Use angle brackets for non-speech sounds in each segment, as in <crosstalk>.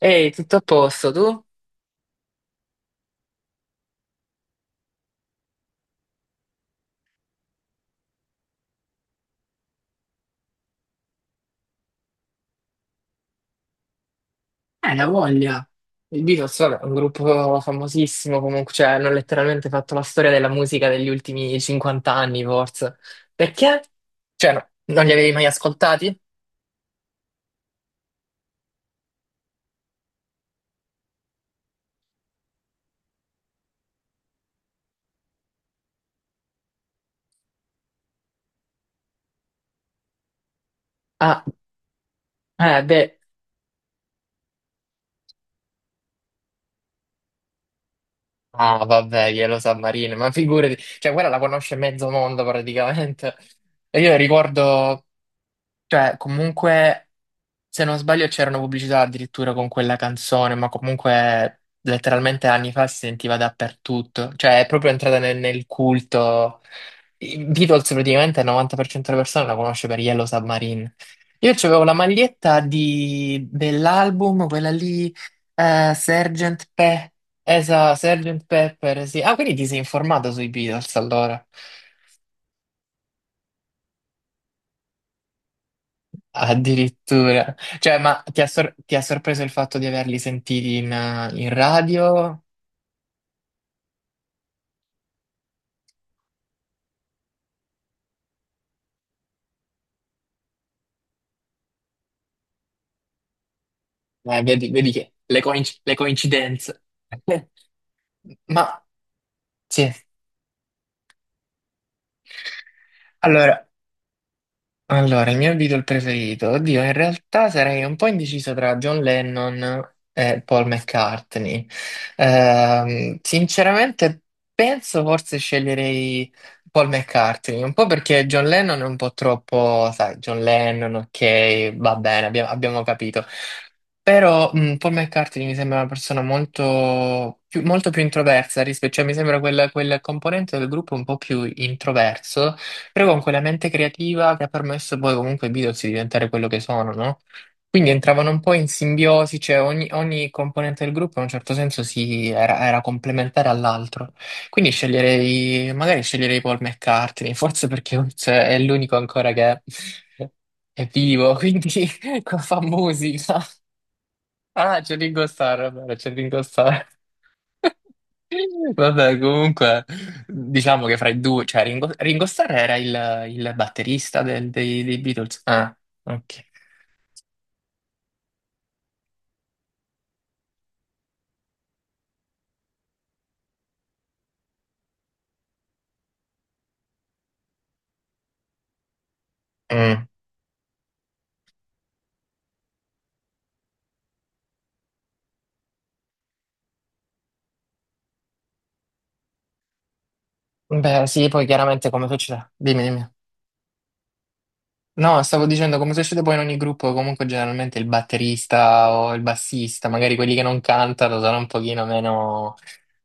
Ehi, tutto a posto, tu? La voglia. Il Beatles, vabbè, un gruppo famosissimo comunque, cioè hanno letteralmente fatto la storia della musica degli ultimi 50 anni, forse. Perché? Cioè, no, non li avevi mai ascoltati? Ah, beh. Ah, vabbè, glielo sa Marino, ma figurati, cioè quella la conosce mezzo mondo praticamente. E io ricordo, cioè, comunque. Se non sbaglio c'era una pubblicità addirittura con quella canzone, ma comunque letteralmente anni fa si sentiva dappertutto, cioè è proprio entrata nel culto. I Beatles praticamente il 90% delle persone la conosce per Yellow Submarine. Io avevo la maglietta dell'album, quella lì, eh, Sgt. Pe- esa, Sgt. Pepper, sì. Ah, quindi ti sei informato sui Beatles allora? Addirittura. Cioè, ma ti ha, ti ha sorpreso il fatto di averli sentiti in, in radio? Vedi, vedi che le, le coincidenze. <laughs> Ma sì. Allora, il mio Beatle preferito, oddio, in realtà sarei un po' indeciso tra John Lennon e Paul McCartney. Sinceramente, penso forse sceglierei Paul McCartney, un po' perché John Lennon è un po' troppo, sai, John Lennon, ok, va bene, abbiamo capito. Però Paul McCartney mi sembra una persona molto più introversa rispetto, cioè mi sembra quel componente del gruppo un po' più introverso però con quella mente creativa che ha permesso poi comunque ai Beatles di diventare quello che sono, no? Quindi entravano un po' in simbiosi, cioè ogni componente del gruppo in un certo senso si, era, era complementare all'altro. Quindi sceglierei, magari sceglierei Paul McCartney, forse perché <laughs> Oates è l'unico ancora che è vivo, quindi <laughs> fa musica. Ah, c'è Ringo Starr, è vero, c'è Ringo Starr. Vabbè, comunque, diciamo che fra i due, cioè Ringo, Ringo Starr era il batterista dei Beatles. Ah, ok. Mm. Beh, sì, poi chiaramente come succede? Dimmi, dimmi. No, stavo dicendo come succede poi in ogni gruppo, comunque generalmente il batterista o il bassista, magari quelli che non cantano sono un pochino meno,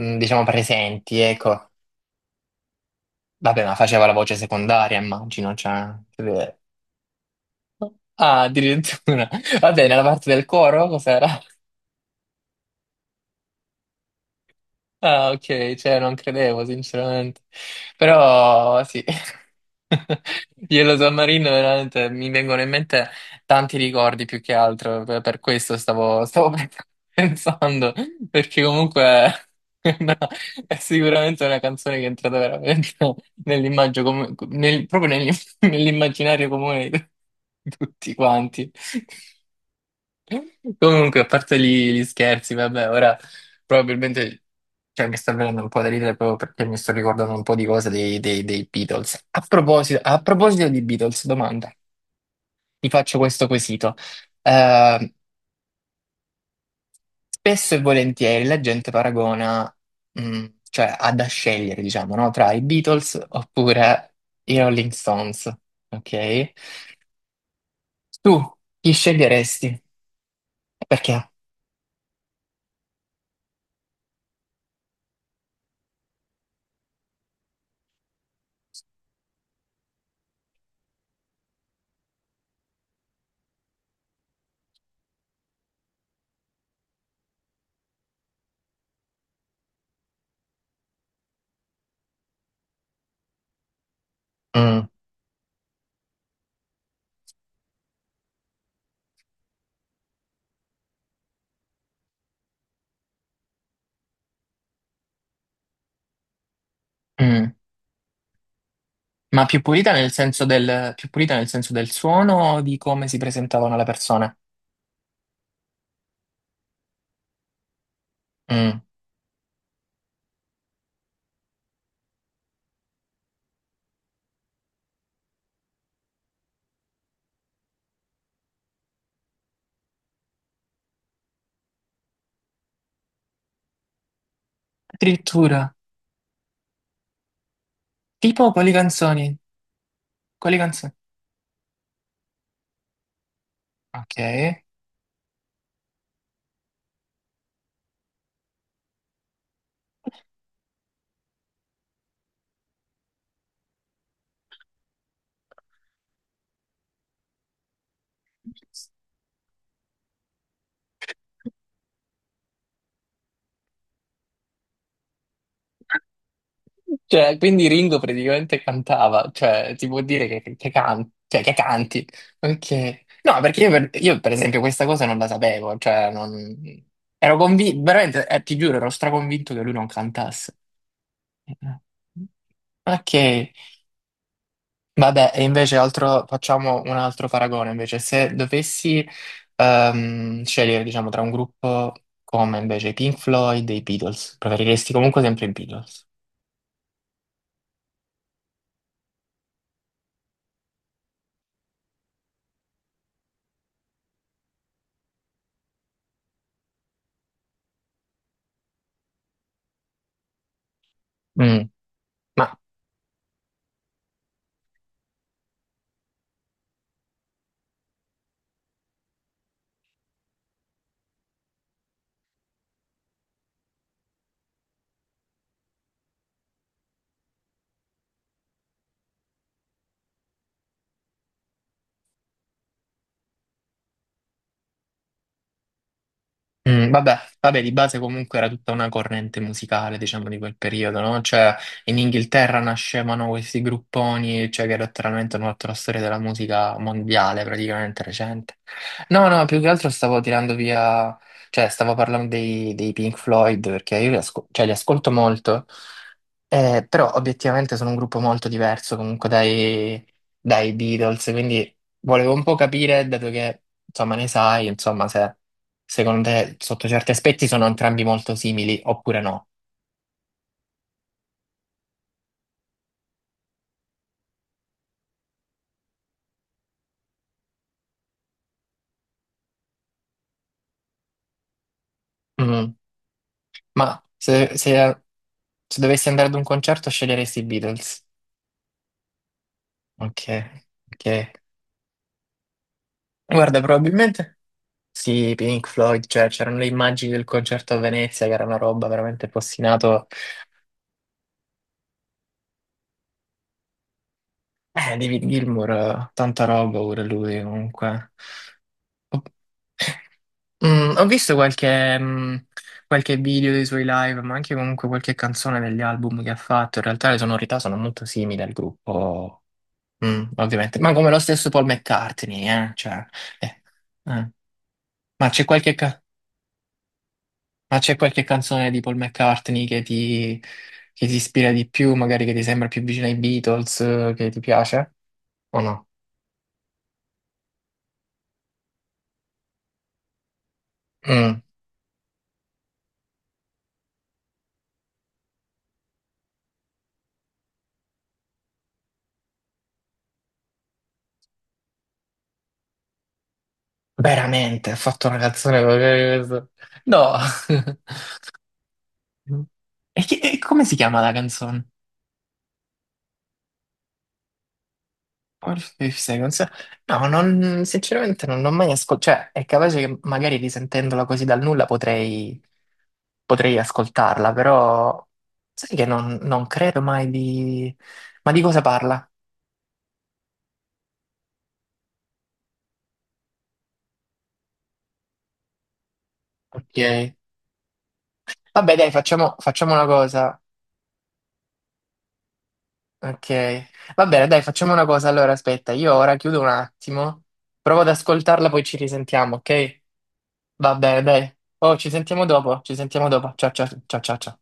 diciamo, presenti, ecco. Vabbè, ma faceva la voce secondaria, immagino, cioè... Ah, addirittura. <laughs> Vabbè, nella parte del coro cos'era? Ah, ok, cioè non credevo sinceramente, però sì, <laughs> Yellow Submarine veramente mi vengono in mente tanti ricordi più che altro, per questo stavo <laughs> pensando, perché comunque <laughs> è una- è sicuramente una canzone che è entrata veramente nell'immagine, <laughs> nell'immaginario comune di tutti quanti. Comunque, a parte gli scherzi, vabbè, ora probabilmente cioè, mi sta venendo un po' da ridere proprio perché mi sto ricordando un po' di cose dei Beatles. A proposito di Beatles, domanda, ti faccio questo quesito. Eh, spesso e volentieri la gente paragona, cioè ha da scegliere, diciamo, no? Tra i Beatles oppure i Rolling Stones, ok? Tu chi sceglieresti? Perché? Mm, mm. Ma più pulita nel senso più pulita nel senso del suono o di come si presentavano le persone? Mm. Addirittura. Tipo quali canzoni? Quali canzoni? Ok. Cioè, quindi Ringo praticamente cantava, cioè, ti vuol dire cioè, che canti. Ok. No, perché io io, per esempio questa cosa non la sapevo, cioè, non... Ero convinto, veramente, ti giuro, ero straconvinto che lui non cantasse. Ok. Vabbè, e invece altro, facciamo un altro paragone, invece, se dovessi scegliere, diciamo, tra un gruppo come invece i Pink Floyd e i Beatles, preferiresti comunque sempre i Beatles. Mm. Ma mm, vabbè, vabbè, di base comunque era tutta una corrente musicale, diciamo, di quel periodo, no? Cioè, in Inghilterra nascevano questi grupponi, cioè, che letteralmente hanno fatto la storia della musica mondiale, praticamente recente. No, no, più che altro stavo tirando via, cioè, stavo parlando dei Pink Floyd, perché io li, cioè, li ascolto molto, però obiettivamente sono un gruppo molto diverso comunque dai, dai Beatles, quindi volevo un po' capire, dato che, insomma, ne sai, insomma, se... Secondo te, sotto certi aspetti, sono entrambi molto simili, oppure no? Mm. Ma se dovessi andare ad un concerto, sceglieresti i Beatles? Ok, ok. Guarda, probabilmente sì, Pink Floyd, cioè c'erano le immagini del concerto a Venezia, che era una roba veramente postinato. David Gilmour, tanta roba pure lui, comunque. Oh. <laughs> Mm, ho visto qualche, qualche video dei suoi live, ma anche comunque qualche canzone degli album che ha fatto. In realtà le sonorità sono molto simili al gruppo, mm, ovviamente. Ma come lo stesso Paul McCartney, eh? Cioè, eh, eh. Ma c'è ma c'è qualche canzone di Paul McCartney che ti ispira di più, magari che ti sembra più vicina ai Beatles, che ti piace? O no? Mm, veramente, ha fatto una canzone con questo? No! <laughs> Mm. E, e come si chiama la canzone? Four Fifth Seconds? No, sinceramente non l'ho mai ascoltata. Cioè, è capace che magari risentendola così dal nulla potrei, potrei ascoltarla, però sai che non credo mai di... Ma di cosa parla? Ok. Vabbè, dai, facciamo, facciamo una cosa. Ok. Va bene, dai, facciamo una cosa. Allora, aspetta, io ora chiudo un attimo, provo ad ascoltarla, poi ci risentiamo, ok? Va bene, dai. Oh, ci sentiamo dopo, ci sentiamo dopo. Ciao ciao ciao ciao ciao.